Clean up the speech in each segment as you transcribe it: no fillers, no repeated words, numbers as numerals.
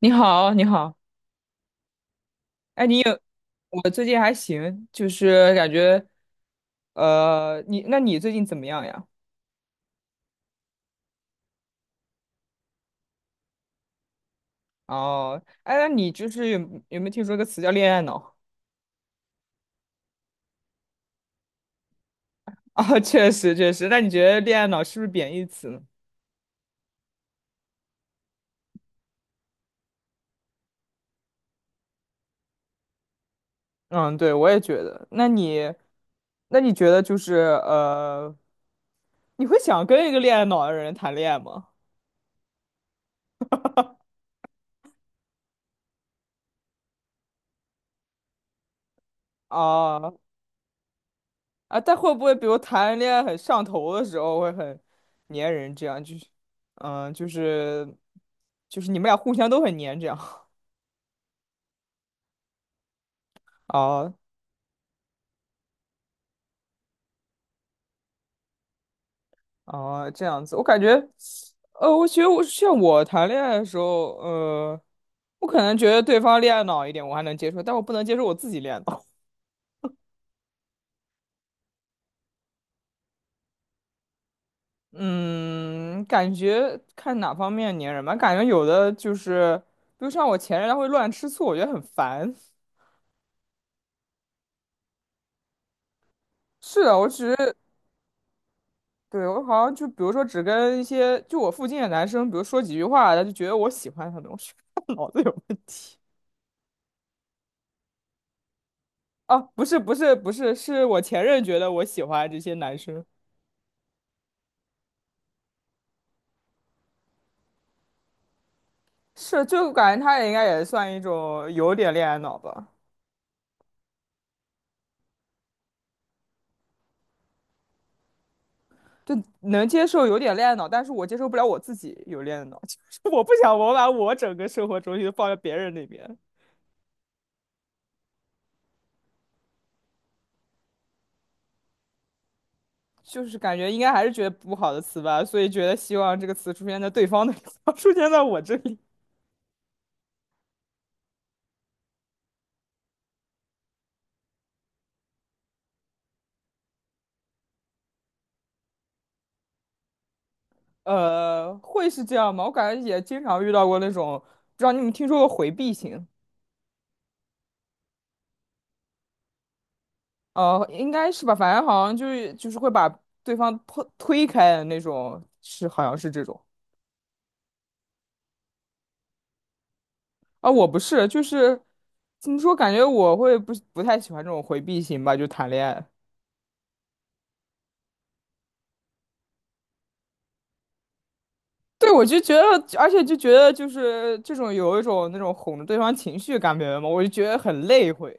你好，你好，哎，你有，我最近还行，就是感觉，那你最近怎么样呀？哦，哎，那你就是有没有听说个词叫恋爱脑？啊、确实确实，那你觉得恋爱脑是不是贬义词呢？嗯，对，我也觉得。那你觉得就是你会想跟一个恋爱脑的人谈恋爱吗？啊、啊，但会不会比如谈恋爱很上头的时候会很粘人，这样就是，嗯，就是就是你们俩互相都很粘，这样。啊啊 这样子，我感觉，我觉得我像我谈恋爱的时候，我可能觉得对方恋爱脑一点，我还能接受，但我不能接受我自己恋爱脑。嗯，感觉看哪方面粘人吧，感觉有的就是，比如像我前任，他会乱吃醋，我觉得很烦。是的，我只是。对，我好像就比如说只跟一些就我附近的男生，比如说几句话，他就觉得我喜欢他们，我觉得他脑子有问题。哦，不是不是不是，是我前任觉得我喜欢这些男生，是就感觉他也应该也算一种有点恋爱脑吧，就能接受有点恋爱脑，但是我接受不了我自己有恋爱脑，就是我不想我把我整个生活重心都放在别人那边，就是感觉应该还是觉得不好的词吧，所以觉得希望这个词出现在对方的地方 出现在我这里。会是这样吗？我感觉也经常遇到过那种，不知道你们听说过回避型？应该是吧，反正好像就是会把对方推开的那种，是好像是这种。啊，我不是，就是怎么说，感觉我会不太喜欢这种回避型吧，就谈恋爱。对，我就觉得，而且就觉得就是这种有一种那种哄着对方情绪感觉嘛，我就觉得很累会。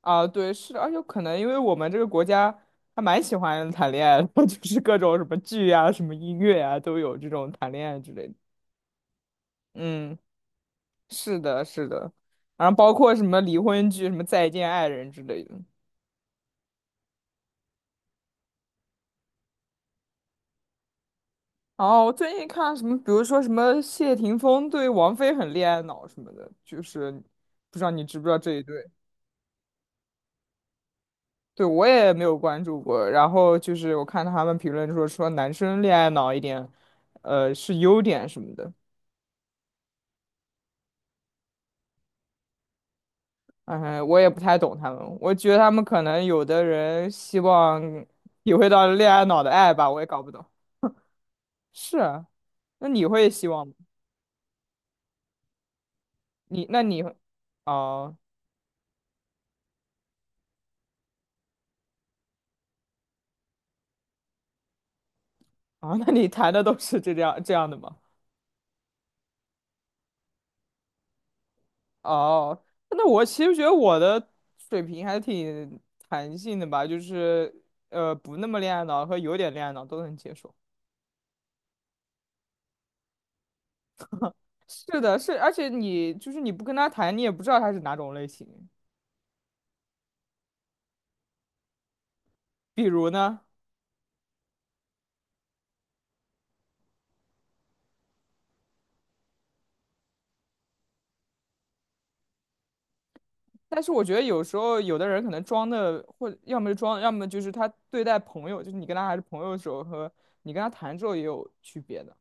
啊，对，是的，而且可能因为我们这个国家还蛮喜欢谈恋爱的，就是各种什么剧啊、什么音乐啊，都有这种谈恋爱之类的。嗯，是的，是的，然后包括什么离婚剧、什么再见爱人之类的。哦，我最近看什么，比如说什么谢霆锋对王菲很恋爱脑什么的，就是不知道你知不知道这一对？对，我也没有关注过。然后就是我看他们评论说男生恋爱脑一点，是优点什么的。嗯，我也不太懂他们，我觉得他们可能有的人希望体会到恋爱脑的爱吧，我也搞不懂。是啊，那你会希望吗？你那你会哦哦，那你谈的都是这样的吗？哦，那我其实觉得我的水平还挺弹性的吧，就是不那么恋爱脑和有点恋爱脑都能接受。是的，是，而且你就是你不跟他谈，你也不知道他是哪种类型。比如呢？但是我觉得有时候有的人可能装的，或要么是装，要么就是他对待朋友，就是你跟他还是朋友的时候和你跟他谈之后也有区别的。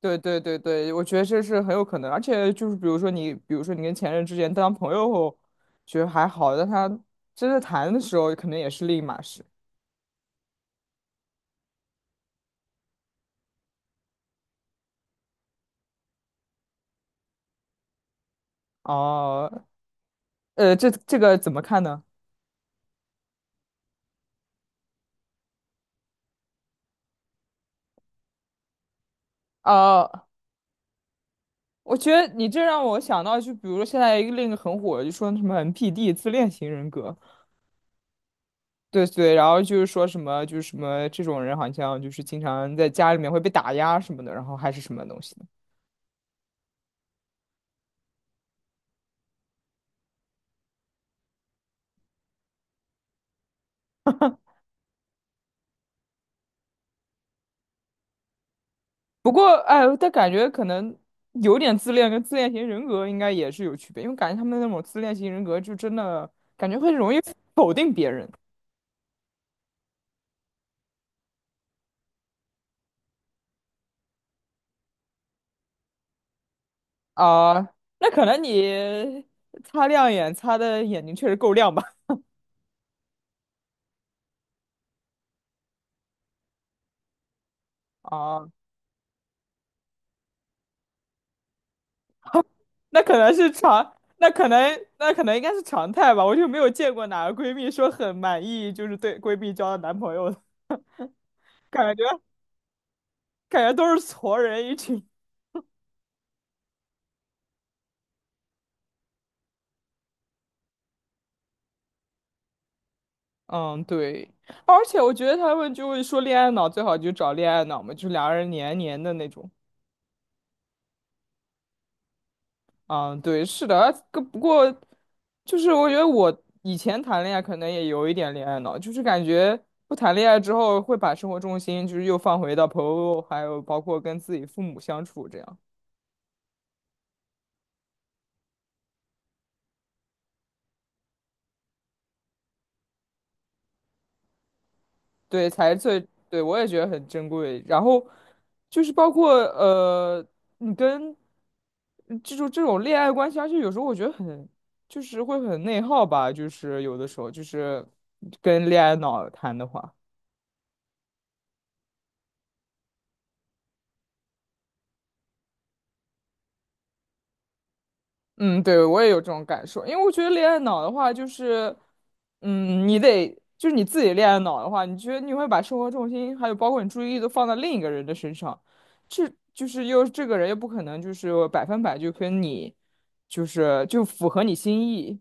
对对对对，我觉得这是很有可能，而且就是比如说你跟前任之间当朋友后，觉得还好，但他真的谈的时候，可能也是另一码事。哦，这个怎么看呢？哦，我觉得你这让我想到，就比如说现在另一个很火，就说什么 NPD 自恋型人格。对对，然后就是说什么，就是什么这种人好像就是经常在家里面会被打压什么的，然后还是什么东西的。不过，哎，但感觉可能有点自恋跟自恋型人格应该也是有区别，因为感觉他们那种自恋型人格就真的感觉会容易否定别人。啊、那可能你擦的眼睛确实够亮吧？啊、那可能应该是常态吧，我就没有见过哪个闺蜜说很满意，就是对闺蜜交的男朋友的。感觉感觉都是矬人一群。嗯，对，而且我觉得他们就会说恋爱脑最好就找恋爱脑嘛，就两个人黏黏的那种。嗯，对，是的，不过就是我觉得我以前谈恋爱可能也有一点恋爱脑，就是感觉不谈恋爱之后会把生活重心就是又放回到朋友，还有包括跟自己父母相处这样。对，才是最，对，我也觉得很珍贵。然后就是包括呃，你跟嗯这种这种恋爱关系，而且有时候我觉得就是会很内耗吧，就是有的时候就是跟恋爱脑谈的话。嗯，对，我也有这种感受，因为我觉得恋爱脑的话，就是，你得就是你自己恋爱脑的话，你觉得你会把生活重心还有包括你注意力都放到另一个人的身上，这就是又这个人又不可能就是百分百就跟你，就符合你心意。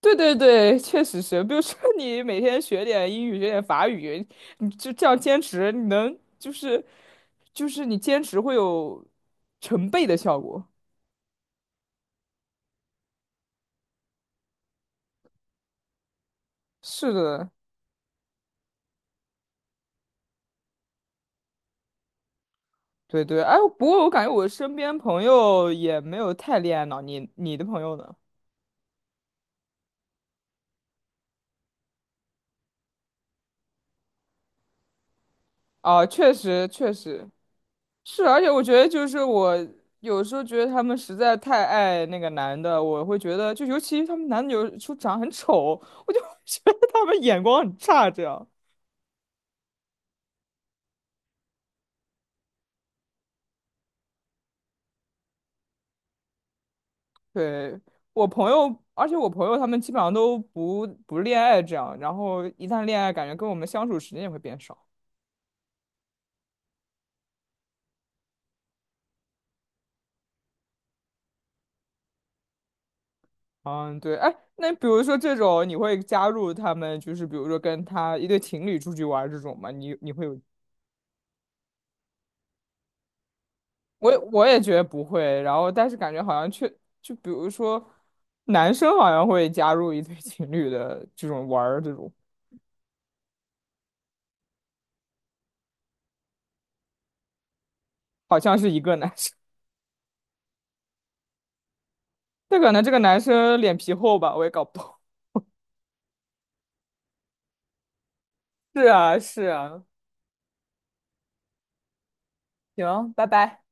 对对对，确实是，比如说你每天学点英语，学点法语，你就这样坚持，你能就是就是你坚持会有成倍的效果。是的。对对，哎，不过我感觉我身边朋友也没有太恋爱脑，你的朋友呢？啊，确实确实是，而且我觉得就是我有时候觉得他们实在太爱那个男的，我会觉得就尤其他们男的有时候长得很丑，我就会觉得他们眼光很差。这样，对，我朋友他们基本上都不恋爱这样，然后一旦恋爱，感觉跟我们相处时间也会变少。嗯，对，哎，那比如说这种，你会加入他们，就是比如说跟他一对情侣出去玩儿这种吗？你会有？我也觉得不会，然后但是感觉好像就比如说男生好像会加入一对情侣的这种玩儿这种，好像是一个男生，但可能这个男生脸皮厚吧，我也搞不懂。是啊，是啊，行，拜拜。